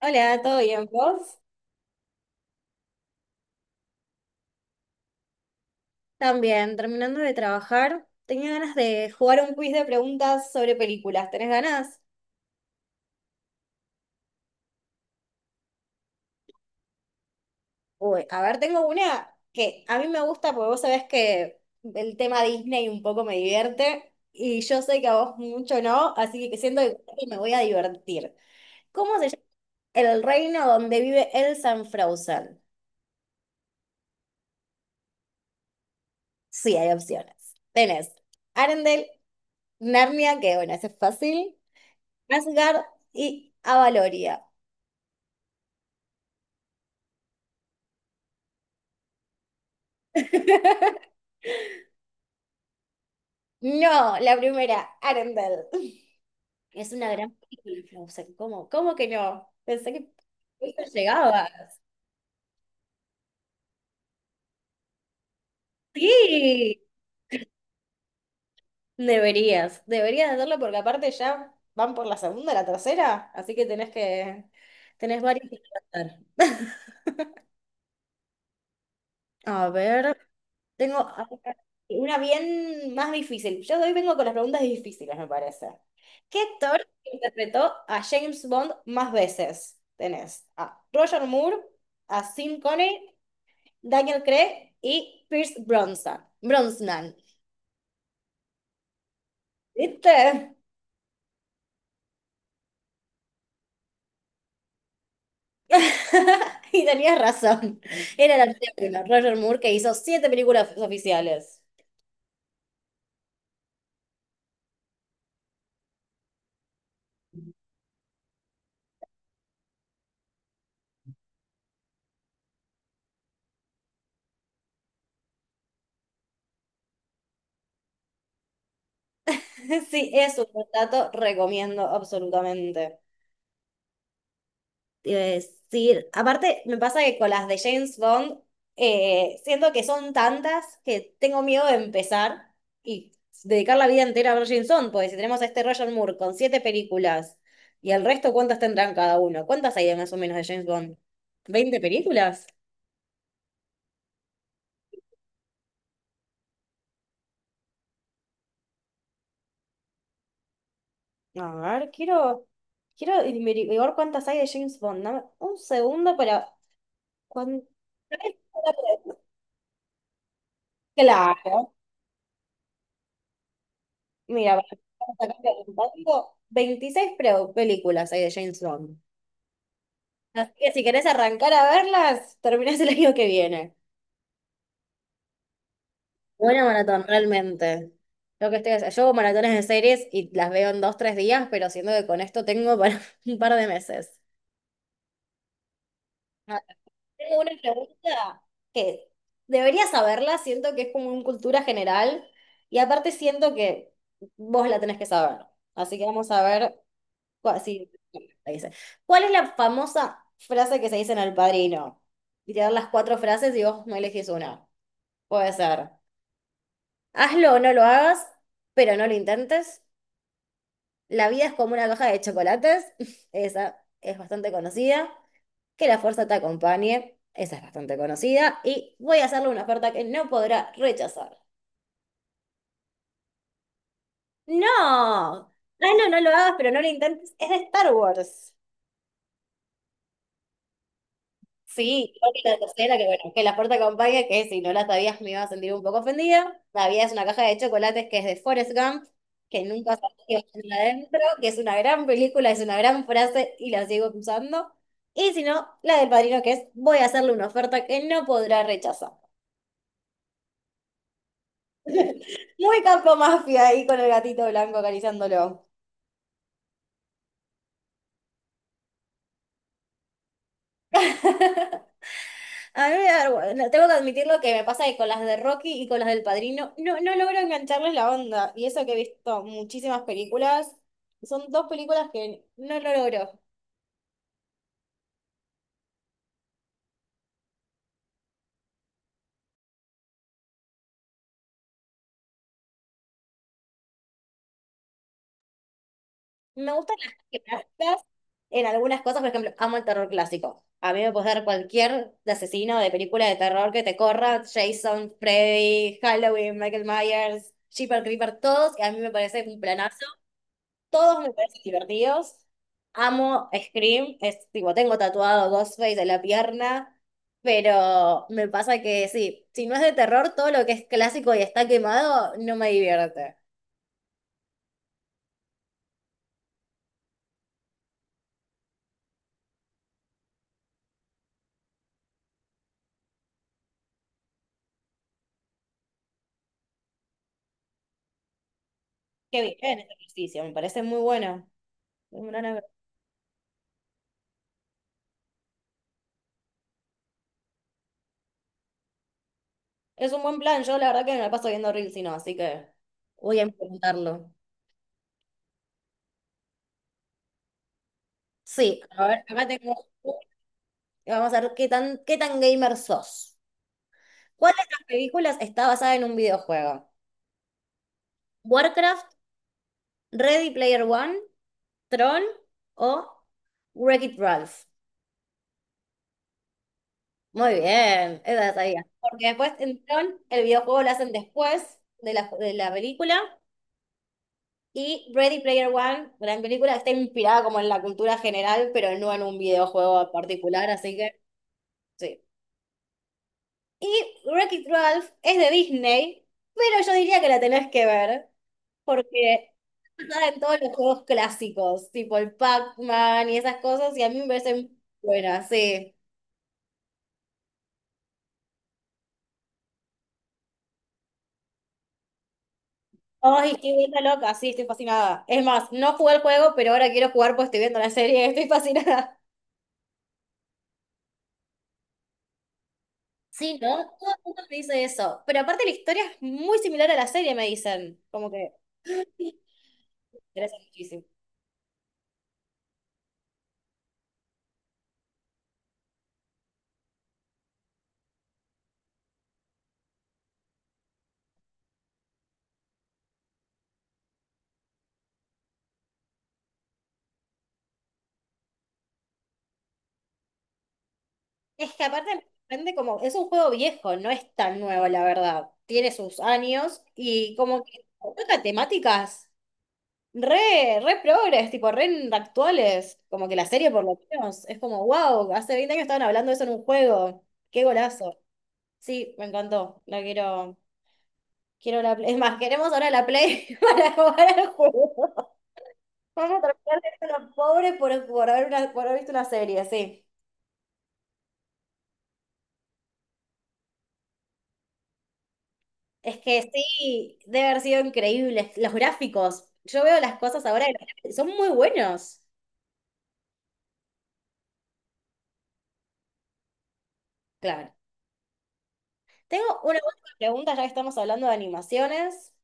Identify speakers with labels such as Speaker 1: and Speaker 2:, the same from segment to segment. Speaker 1: Hola, ¿todo bien? ¿Vos? También, terminando de trabajar, tenía ganas de jugar un quiz de preguntas sobre películas. ¿Tenés ganas? Uy, a ver, tengo una que a mí me gusta porque vos sabés que el tema Disney un poco me divierte y yo sé que a vos mucho no, así que siento que me voy a divertir. ¿Cómo se llama el reino donde vive Elsa en Frozen? Sí, hay opciones. Tenés Arendelle, Narnia, que bueno, ese es fácil, Asgard y Avaloria. No, la primera, Arendelle. Es una gran película, Frozen. ¿Cómo? ¿Cómo que no? Pensé que esto llegaba. Sí, deberías hacerlo porque aparte ya van por la segunda, la tercera, así que, tenés varios que tratar. A ver, tengo acá una bien más difícil. Yo hoy vengo con las preguntas difíciles, me parece. ¿Qué actor interpretó a James Bond más veces? Tenés a Roger Moore, a Sean Connery, Daniel Craig y Pierce Bronson. Brosnan. ¿Viste? Y tenías razón. Era el artículo, Roger Moore, que hizo siete películas oficiales. Sí, es un dato, recomiendo absolutamente. Te iba a decir, aparte me pasa que con las de James Bond, siento que son tantas que tengo miedo de empezar y dedicar la vida entera a ver James Bond, porque si tenemos a este Roger Moore con siete películas y el resto, ¿cuántas tendrán cada uno? ¿Cuántas hay de más o menos de James Bond? ¿Veinte películas? A ver, quiero averiguar cuántas hay de James Bond. Dame un segundo para cuan- Claro. Mira, vamos a cambiar un poco. 26 películas hay de James Bond. Así que si querés arrancar a verlas, terminás el año que viene. Buena maratón, realmente. Lo que estoy haciendo. Yo hago maratones de series y las veo en 2, 3 días, pero siento que con esto tengo para un par de meses. Ah, tengo una pregunta que debería saberla, siento que es como una cultura general y aparte siento que vos la tenés que saber. Así que vamos a ver. Sí, ahí dice. ¿Cuál es la famosa frase que se dice en El Padrino? Y te dan las cuatro frases y vos no elegís una. Puede ser. Hazlo o no lo hagas, pero no lo intentes. La vida es como una caja de chocolates. Esa es bastante conocida. Que la fuerza te acompañe. Esa es bastante conocida. Y voy a hacerle una oferta que no podrá rechazar. ¡No! Hazlo o no lo hagas, pero no lo intentes. Es de Star Wars. Sí, creo que la tercera, que bueno, que la puerta acompaña, que si no la sabías me iba a sentir un poco ofendida. La vida es una caja de chocolates que es de Forrest Gump, que nunca sabía que iba a tener adentro, que es una gran película, es una gran frase y la sigo usando. Y si no, la del Padrino, que es voy a hacerle una oferta que no podrá rechazar. Muy campo mafia ahí con el gatito blanco acariciándolo. A mí me da vergüenza. Tengo que admitir lo que me pasa que con las de Rocky y con las del Padrino, no, no logro engancharles la onda. Y eso que he visto muchísimas películas, son dos películas que no lo logro. Me gustan las clásicas en algunas cosas, por ejemplo, amo el terror clásico. A mí me puedes dar cualquier de asesino de película de terror que te corra, Jason, Freddy, Halloween, Michael Myers, Jeepers Creeper, todos, que a mí me parece un planazo. Todos me parecen divertidos. Amo Scream, es tipo, tengo tatuado Ghostface en la pierna, pero me pasa que sí, si no es de terror, todo lo que es clásico y está quemado no me divierte. Qué bien este ejercicio, me parece muy bueno. Es un gran- es un buen plan, yo la verdad que me la paso viendo Reels y no, así que voy a implementarlo. Sí, a ver, acá tengo. Vamos a ver qué tan gamer sos. ¿Cuál de estas películas está basada en un videojuego? Warcraft, Ready Player One, Tron o Wreck-It Ralph. Muy bien, esa la sabía. Porque después en Tron el videojuego lo hacen después de la película. Y Ready Player One, gran película, está inspirada como en la cultura general, pero no en un videojuego particular, así que sí. Y Wreck-It Ralph es de Disney, pero yo diría que la tenés que ver, porque está en todos los juegos clásicos, tipo el Pac-Man y esas cosas, y a mí me parecen buenas, sí. Ay, qué vuelta loca, sí, estoy fascinada. Es más, no jugué el juego, pero ahora quiero jugar porque estoy viendo la serie, estoy fascinada. Sí, ¿no? Todo el mundo me dice eso. Pero aparte la historia es muy similar a la serie, me dicen. Como que sí, interesa muchísimo. Es que aparte me sorprende como, es un juego viejo, no es tan nuevo, la verdad. Tiene sus años y como que toca temáticas re progres, tipo re actuales. Como que la serie por lo menos es como, wow, hace 20 años estaban hablando de eso en un juego. Qué golazo. Sí, me encantó. La quiero. Quiero la Play. Es más, queremos ahora la Play para jugar al juego. Vamos a tratar de ser unos pobres por haber visto una serie, sí. Es que sí, debe haber sido increíble. Los gráficos. Yo veo las cosas ahora y los gráficos son muy buenos. Claro. Tengo una última pregunta, ya que estamos hablando de animaciones.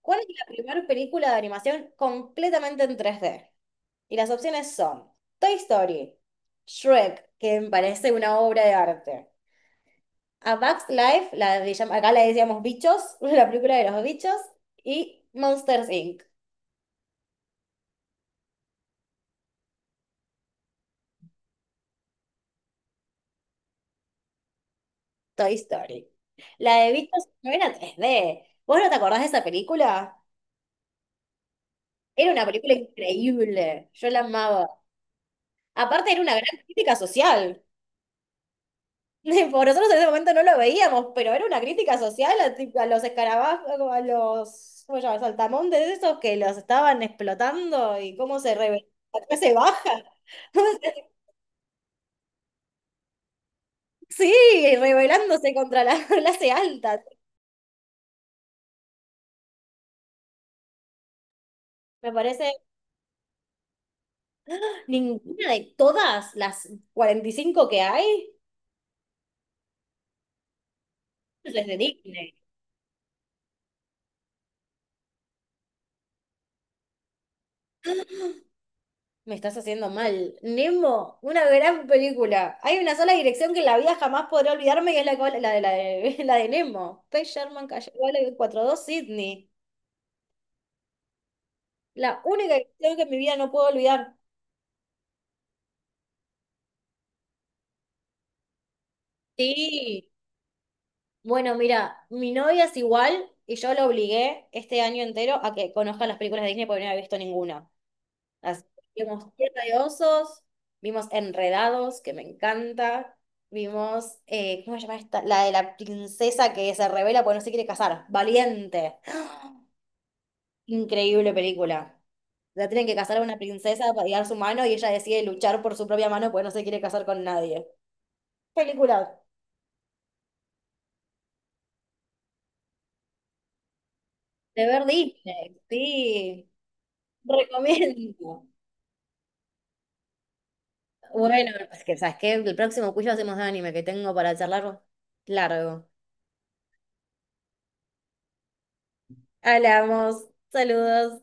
Speaker 1: ¿Cuál es la primera película de animación completamente en 3D? Y las opciones son Toy Story, Shrek, que me parece una obra de arte, a Bugs Life, la acá le decíamos Bichos, la película de los bichos, y Monsters Inc., Toy Story. La de bichos no era 3D. ¿Vos no te acordás de esa película? Era una película increíble, yo la amaba. Aparte era una gran crítica social. Por nosotros en ese momento no lo veíamos, pero era una crítica social a los escarabajos, a los ¿cómo se llama? Saltamontes esos que los estaban explotando y cómo se rebeló la clase baja. Sí, rebelándose contra la clase alta. Me parece ninguna de todas las 45 que hay es de Disney. Me estás haciendo mal. Nemo, una gran película. Hay una sola dirección que en la vida jamás podré olvidarme y es la, col- la, de, la de Nemo. P. Sherman Calle Valley 42 Sydney. La única dirección que en mi vida no puedo olvidar. Sí. Bueno, mira, mi novia es igual y yo la obligué este año entero a que conozca las películas de Disney porque no había visto ninguna. Así que vimos Tierra de Osos, vimos Enredados, que me encanta, vimos, ¿cómo se llama esta? La de la princesa que se revela porque no se quiere casar, Valiente. Increíble película. La tienen que casar a una princesa para llegar su mano y ella decide luchar por su propia mano porque no se quiere casar con nadie. Película de ver Disney, sí, recomiendo. Bueno, es que, ¿sabes qué? El próximo cuyo hacemos de anime que tengo para charlar largo. Hablamos. Saludos.